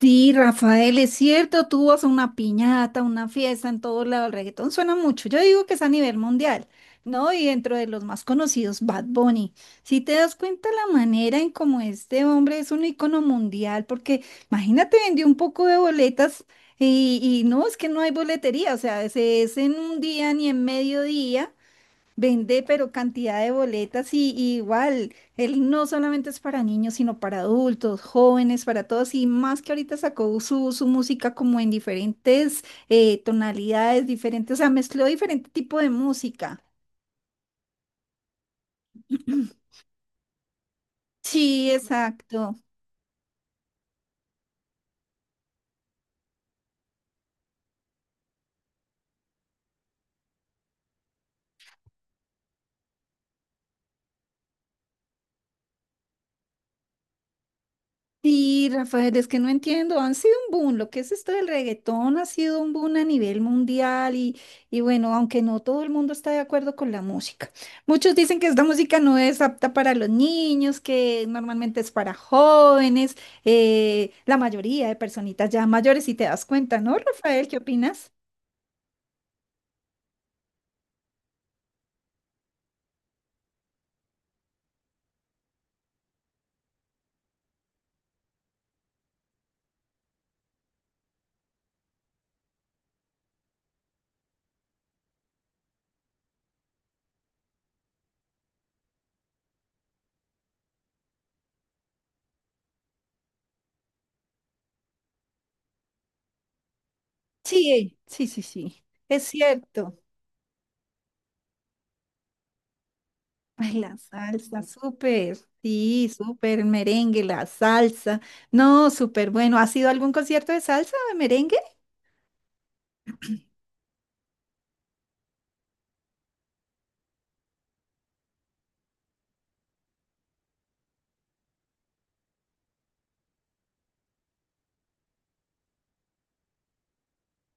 Sí, Rafael, es cierto, tú vas a una piñata, una fiesta en todo lado, el reggaetón suena mucho, yo digo que es a nivel mundial, ¿no? Y dentro de los más conocidos, Bad Bunny. Si te das cuenta la manera en cómo este hombre es un icono mundial, porque imagínate, vendió un poco de boletas y no, es que no hay boletería, o sea, se es en un día ni en mediodía, vende, pero cantidad de boletas y igual, él no solamente es para niños, sino para adultos, jóvenes, para todos, y más que ahorita sacó su música como en diferentes tonalidades diferentes, o sea, mezcló diferente tipo de música. Sí, exacto. Sí, Rafael, es que no entiendo, han sido un boom, lo que es esto del reggaetón ha sido un boom a nivel mundial y bueno, aunque no todo el mundo está de acuerdo con la música. Muchos dicen que esta música no es apta para los niños, que normalmente es para jóvenes, la mayoría de personitas ya mayores, si te das cuenta, ¿no, Rafael? ¿Qué opinas? Sí, sí, sí, sí, es cierto. Ay, la salsa, súper, sí, súper, el merengue, la salsa. No, súper bueno. ¿Has ido a algún concierto de salsa o de merengue?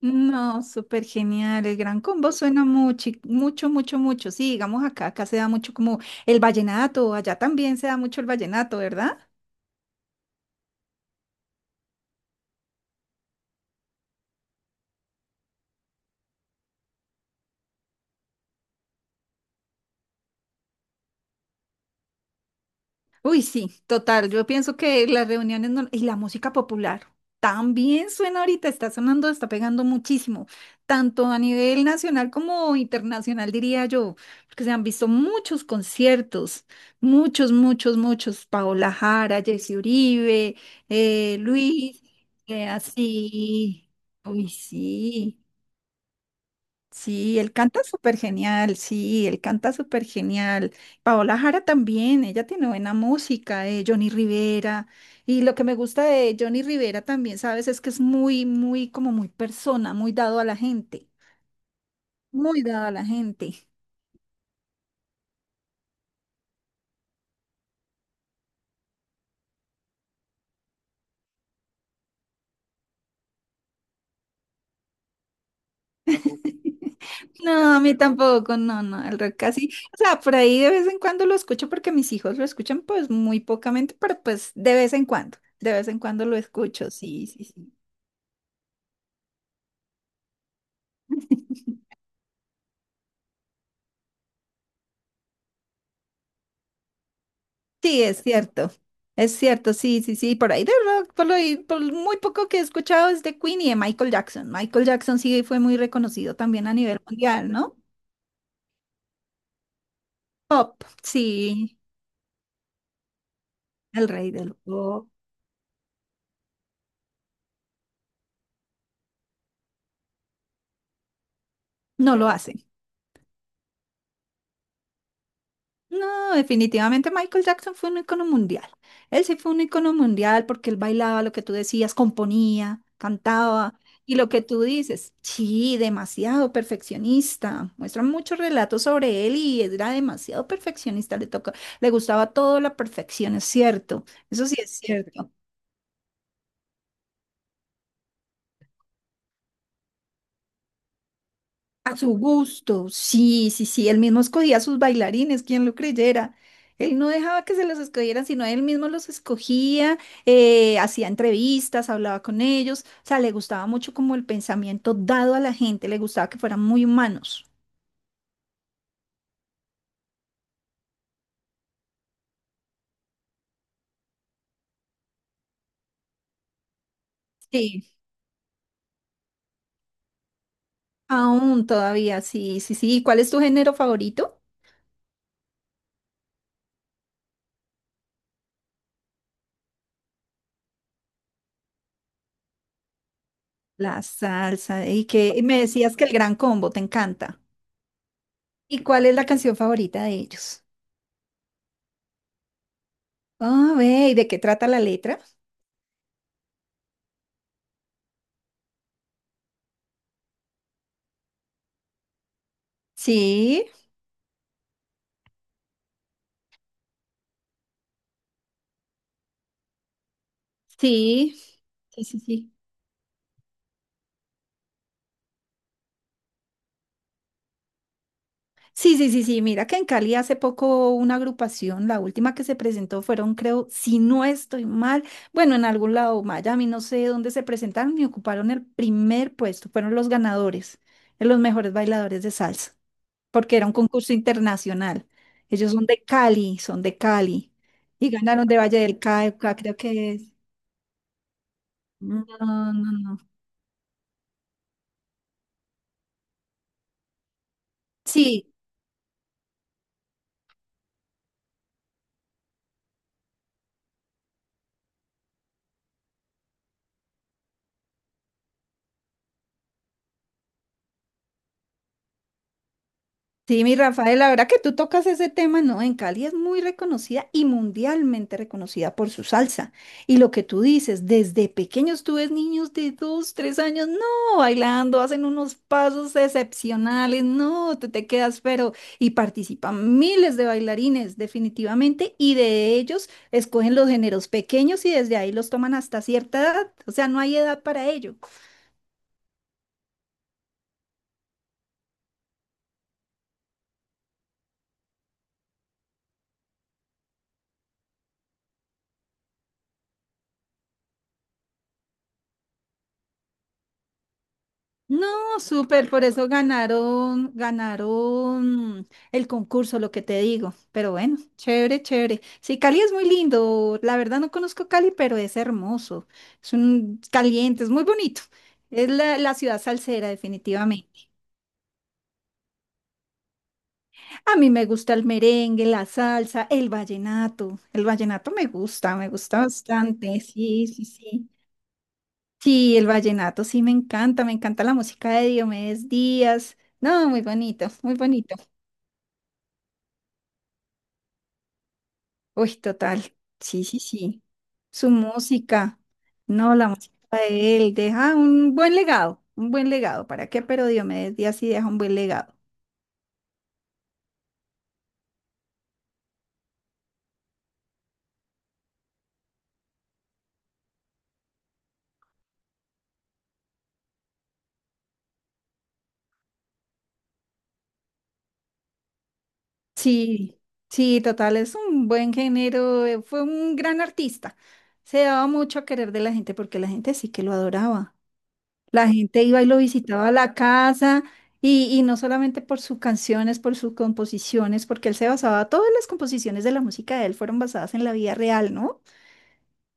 No, súper genial. El Gran Combo suena mucho, mucho, mucho, mucho. Sí, digamos acá, acá se da mucho como el vallenato, allá también se da mucho el vallenato, ¿verdad? Uy, sí, total. Yo pienso que las reuniones no- y la música popular también suena ahorita, está sonando, está pegando muchísimo, tanto a nivel nacional como internacional, diría yo, porque se han visto muchos conciertos, muchos, muchos, muchos. Paola Jara, Jessy Uribe, Luis, así. Uy, sí. Sí, él canta súper genial, sí, él canta súper genial. Paola Jara también, ella tiene buena música, Johnny Rivera. Y lo que me gusta de Johnny Rivera también, ¿sabes? Es que es muy, muy, como muy persona, muy dado a la gente, muy dado a la gente. No, a mí tampoco, no, no, el rock casi, o sea, por ahí de vez en cuando lo escucho porque mis hijos lo escuchan pues muy pocamente, pero pues de vez en cuando, de vez en cuando lo escucho, sí, sí, sí. Sí, es cierto. Es cierto, sí, sí, sí. Por ahí de rock, por muy poco que he escuchado es de Queen y de Michael Jackson. Michael Jackson sí fue muy reconocido también a nivel mundial, ¿no? Pop, sí, el rey del pop. No lo hace. No, definitivamente Michael Jackson fue un icono mundial. Él sí fue un icono mundial porque él bailaba lo que tú decías, componía, cantaba. Y lo que tú dices, sí, demasiado perfeccionista. Muestran muchos relatos sobre él y era demasiado perfeccionista. Le tocó, le gustaba todo la perfección, es cierto. Eso sí es cierto. A su gusto, sí, sí, sí, él mismo escogía a sus bailarines, quien lo creyera. Él no dejaba que se los escogieran, sino él mismo los escogía, hacía entrevistas, hablaba con ellos, o sea, le gustaba mucho como el pensamiento dado a la gente, le gustaba que fueran muy humanos. Sí, aún todavía, sí, sí, sí. ¿Y cuál es tu género favorito? La salsa, y que y me decías que el Gran Combo te encanta. ¿Y cuál es la canción favorita de ellos? Ah, ve, ¿y de qué trata la letra? Sí. Sí, sí, sí, sí. Sí, sí, sí, sí. Mira que en Cali hace poco una agrupación, la última que se presentó fueron, creo, si no estoy mal, bueno, en algún lado, Miami, no sé dónde se presentaron y ocuparon el primer puesto. Fueron los ganadores, de los mejores bailadores de salsa, porque era un concurso internacional. Ellos son de Cali y ganaron de Valle del Cauca, creo que es. No, no, no. Sí, sí, mi Rafael, la verdad que tú tocas ese tema, ¿no? En Cali es muy reconocida y mundialmente reconocida por su salsa. Y lo que tú dices, desde pequeños tú ves niños de 2, 3 años, no, bailando, hacen unos pasos excepcionales, no, te quedas, pero, y participan miles de bailarines, definitivamente, y de ellos escogen los géneros pequeños y desde ahí los toman hasta cierta edad, o sea, no hay edad para ello. No, súper, por eso ganaron, ganaron el concurso, lo que te digo. Pero bueno, chévere, chévere. Sí, Cali es muy lindo. La verdad no conozco Cali, pero es hermoso. Es un caliente, es muy bonito. Es la, la ciudad salsera, definitivamente. A mí me gusta el merengue, la salsa, el vallenato. El vallenato me gusta bastante. Sí, sí, sí. Sí, el vallenato sí me encanta la música de Diomedes Díaz. No, muy bonito, muy bonito. Uy, total. Sí, sí, sí. Su música. No, la música de él deja un buen legado, un buen legado. ¿Para qué? Pero Diomedes Díaz sí deja un buen legado. Sí, sí, total, es un buen género. Fue un gran artista. Se daba mucho a querer de la gente porque la gente sí que lo adoraba. La gente iba y lo visitaba a la casa y no solamente por sus canciones, por sus composiciones, porque él se basaba, todas las composiciones de la música de él fueron basadas en la vida real, ¿no?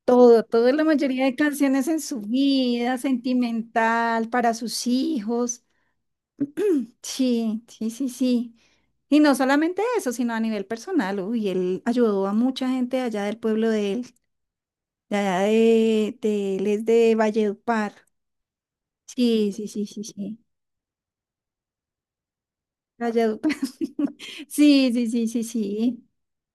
Todo, toda la mayoría de canciones en su vida, sentimental, para sus hijos. Sí, sí, sí, sí. Y no solamente eso, sino a nivel personal. Uy, él ayudó a mucha gente allá del pueblo de él, de allá de él es de Valledupar. Sí, sí, sí, sí, sí. Valledupar. Sí, sí, sí, sí, sí.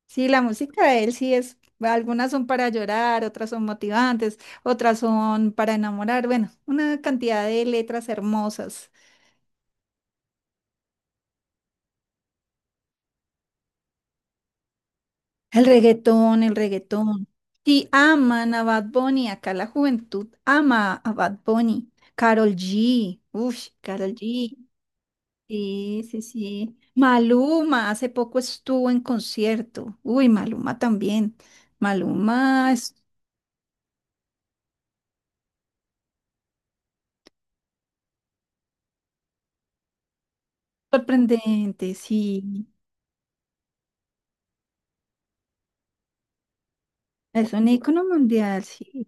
Sí, la música de él sí es, algunas son para llorar, otras son motivantes, otras son para enamorar, bueno, una cantidad de letras hermosas. El reggaetón, el reggaetón. Sí, aman a Bad Bunny, acá la juventud ama a Bad Bunny. Karol G, uff, Karol G. Sí, sí, sí. Maluma, hace poco estuvo en concierto. Uy, Maluma también. Maluma es sorprendente, sí. Es un ícono mundial, sí.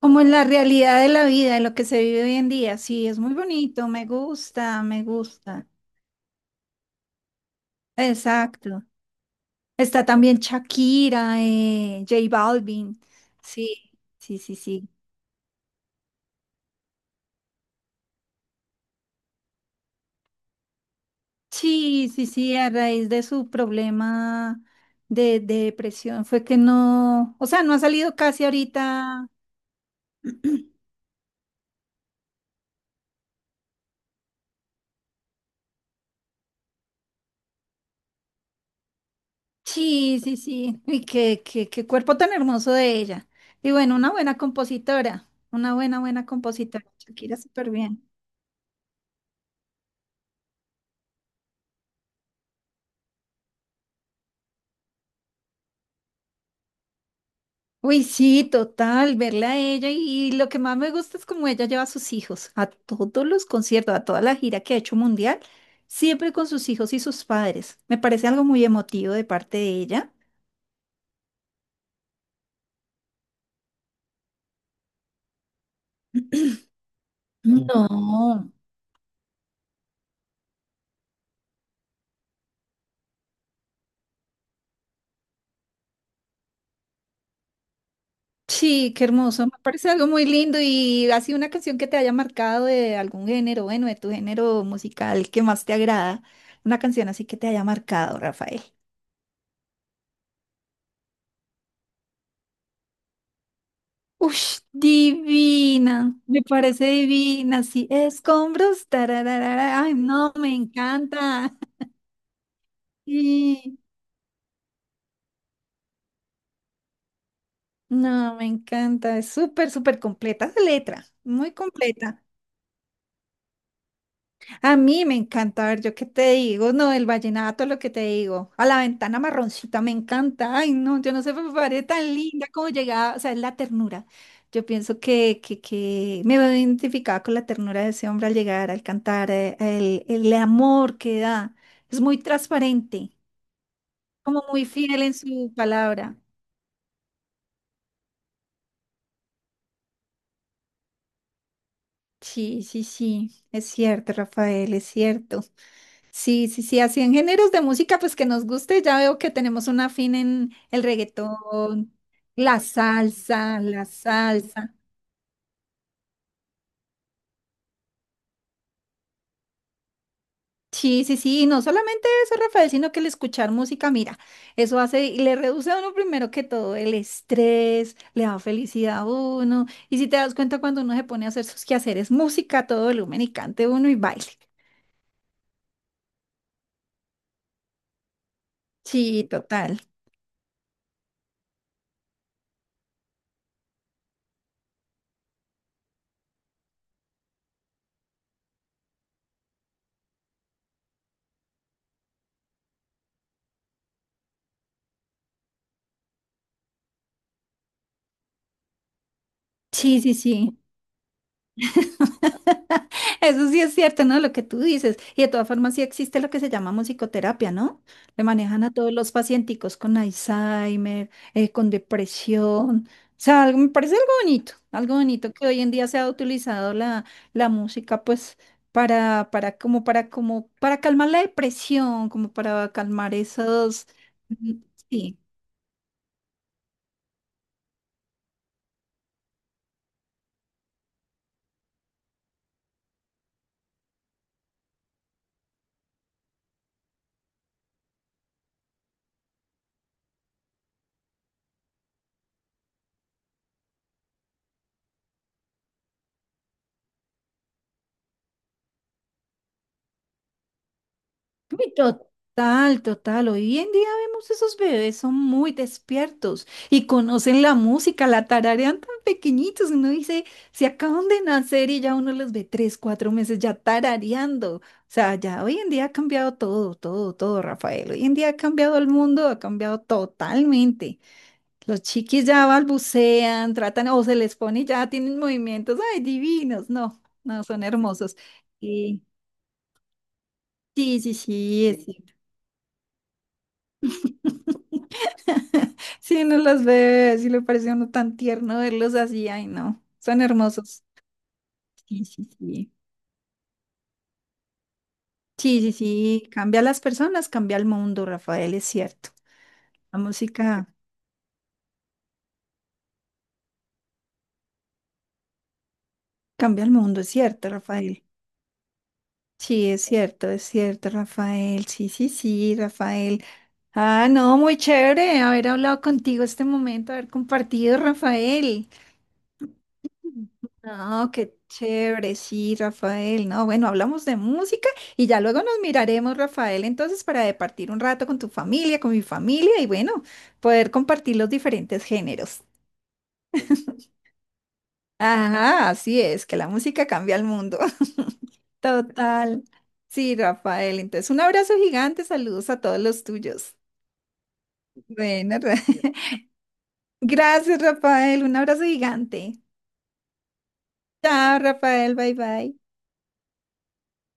Como en la realidad de la vida, de lo que se vive hoy en día. Sí, es muy bonito, me gusta, me gusta. Exacto. Está también Shakira, J Balvin. Sí, sí, sí, sí. Sí, sí, sí, a raíz de su problema de depresión fue que no, o sea, no ha salido casi ahorita. Sí, sí, sí. Y qué cuerpo tan hermoso de ella. Y bueno, una buena compositora, una buena, buena compositora. Shakira, súper bien. Uy, sí, total, verla a ella y lo que más me gusta es como ella lleva a sus hijos a todos los conciertos, a toda la gira que ha hecho mundial, siempre con sus hijos y sus padres. Me parece algo muy emotivo de parte de ella. Mm. No. Sí, qué hermoso, me parece algo muy lindo y así una canción que te haya marcado de algún género, bueno, de tu género musical que más te agrada, una canción así que te haya marcado, Rafael. Ush, divina, me parece divina, sí, escombros, tarararara, ay, no, me encanta, sí, no, me encanta, es súper, súper completa la letra, muy completa. A mí me encanta, a ver, yo qué te digo, no, el vallenato, lo que te digo, a la ventana marroncita me encanta, ay, no, yo no sé, me parece tan linda como llegaba, o sea, es la ternura. Yo pienso que me veo identificada con la ternura de ese hombre al llegar, al cantar, el amor que da, es muy transparente, como muy fiel en su palabra. Sí, sí, sí, es cierto, Rafael, es cierto. Sí, sí, sí, así en géneros de música, pues que nos guste, ya veo que tenemos un afín en el reggaetón, la salsa, la salsa. Sí, sí, sí, y no solamente eso, Rafael, sino que el escuchar música, mira, eso hace, y le reduce a uno primero que todo el estrés, le da felicidad a uno, y si te das cuenta cuando uno se pone a hacer sus quehaceres, música, a todo volumen y cante uno y baile. Sí, total. Sí, sí, sí. Eso sí es cierto, ¿no? Lo que tú dices. Y de todas formas sí existe lo que se llama musicoterapia, ¿no? Le manejan a todos los pacienticos con Alzheimer, con depresión. O sea, algo, me parece algo bonito que hoy en día se ha utilizado la, la música, pues, para, como, para, como, para calmar la depresión, como para calmar esos, mm, sí. Uy, total, total. Hoy en día vemos esos bebés, son muy despiertos y conocen la música, la tararean tan pequeñitos. Uno dice, se acaban de nacer y ya uno los ve 3, 4 meses ya tarareando. O sea, ya hoy en día ha cambiado todo, todo, todo, Rafael. Hoy en día ha cambiado el mundo, ha cambiado totalmente. Los chiquis ya balbucean, tratan o se les pone y ya tienen movimientos, ay, divinos. No, no, son hermosos. Y sí, sí, sí. Sí, no los ve, sí le parece a uno tan tierno verlos así, ay no, son hermosos. Sí, sí, sí. Sí, sí, sí, cambia a las personas, cambia el mundo, Rafael, es cierto. La música cambia el mundo, es cierto, Rafael. Sí, es cierto, Rafael. Sí, sí, sí, Rafael. Ah, no, muy chévere haber hablado contigo este momento, haber compartido, Rafael. No, qué chévere, sí, Rafael. No, bueno, hablamos de música y ya luego nos miraremos, Rafael, entonces para departir un rato con tu familia, con mi familia y bueno, poder compartir los diferentes géneros. Ajá, así es, que la música cambia el mundo. Total. Sí, Rafael, entonces un abrazo gigante, saludos a todos los tuyos. Bueno, gracias, Rafael, un abrazo gigante. Chao, Rafael, bye bye.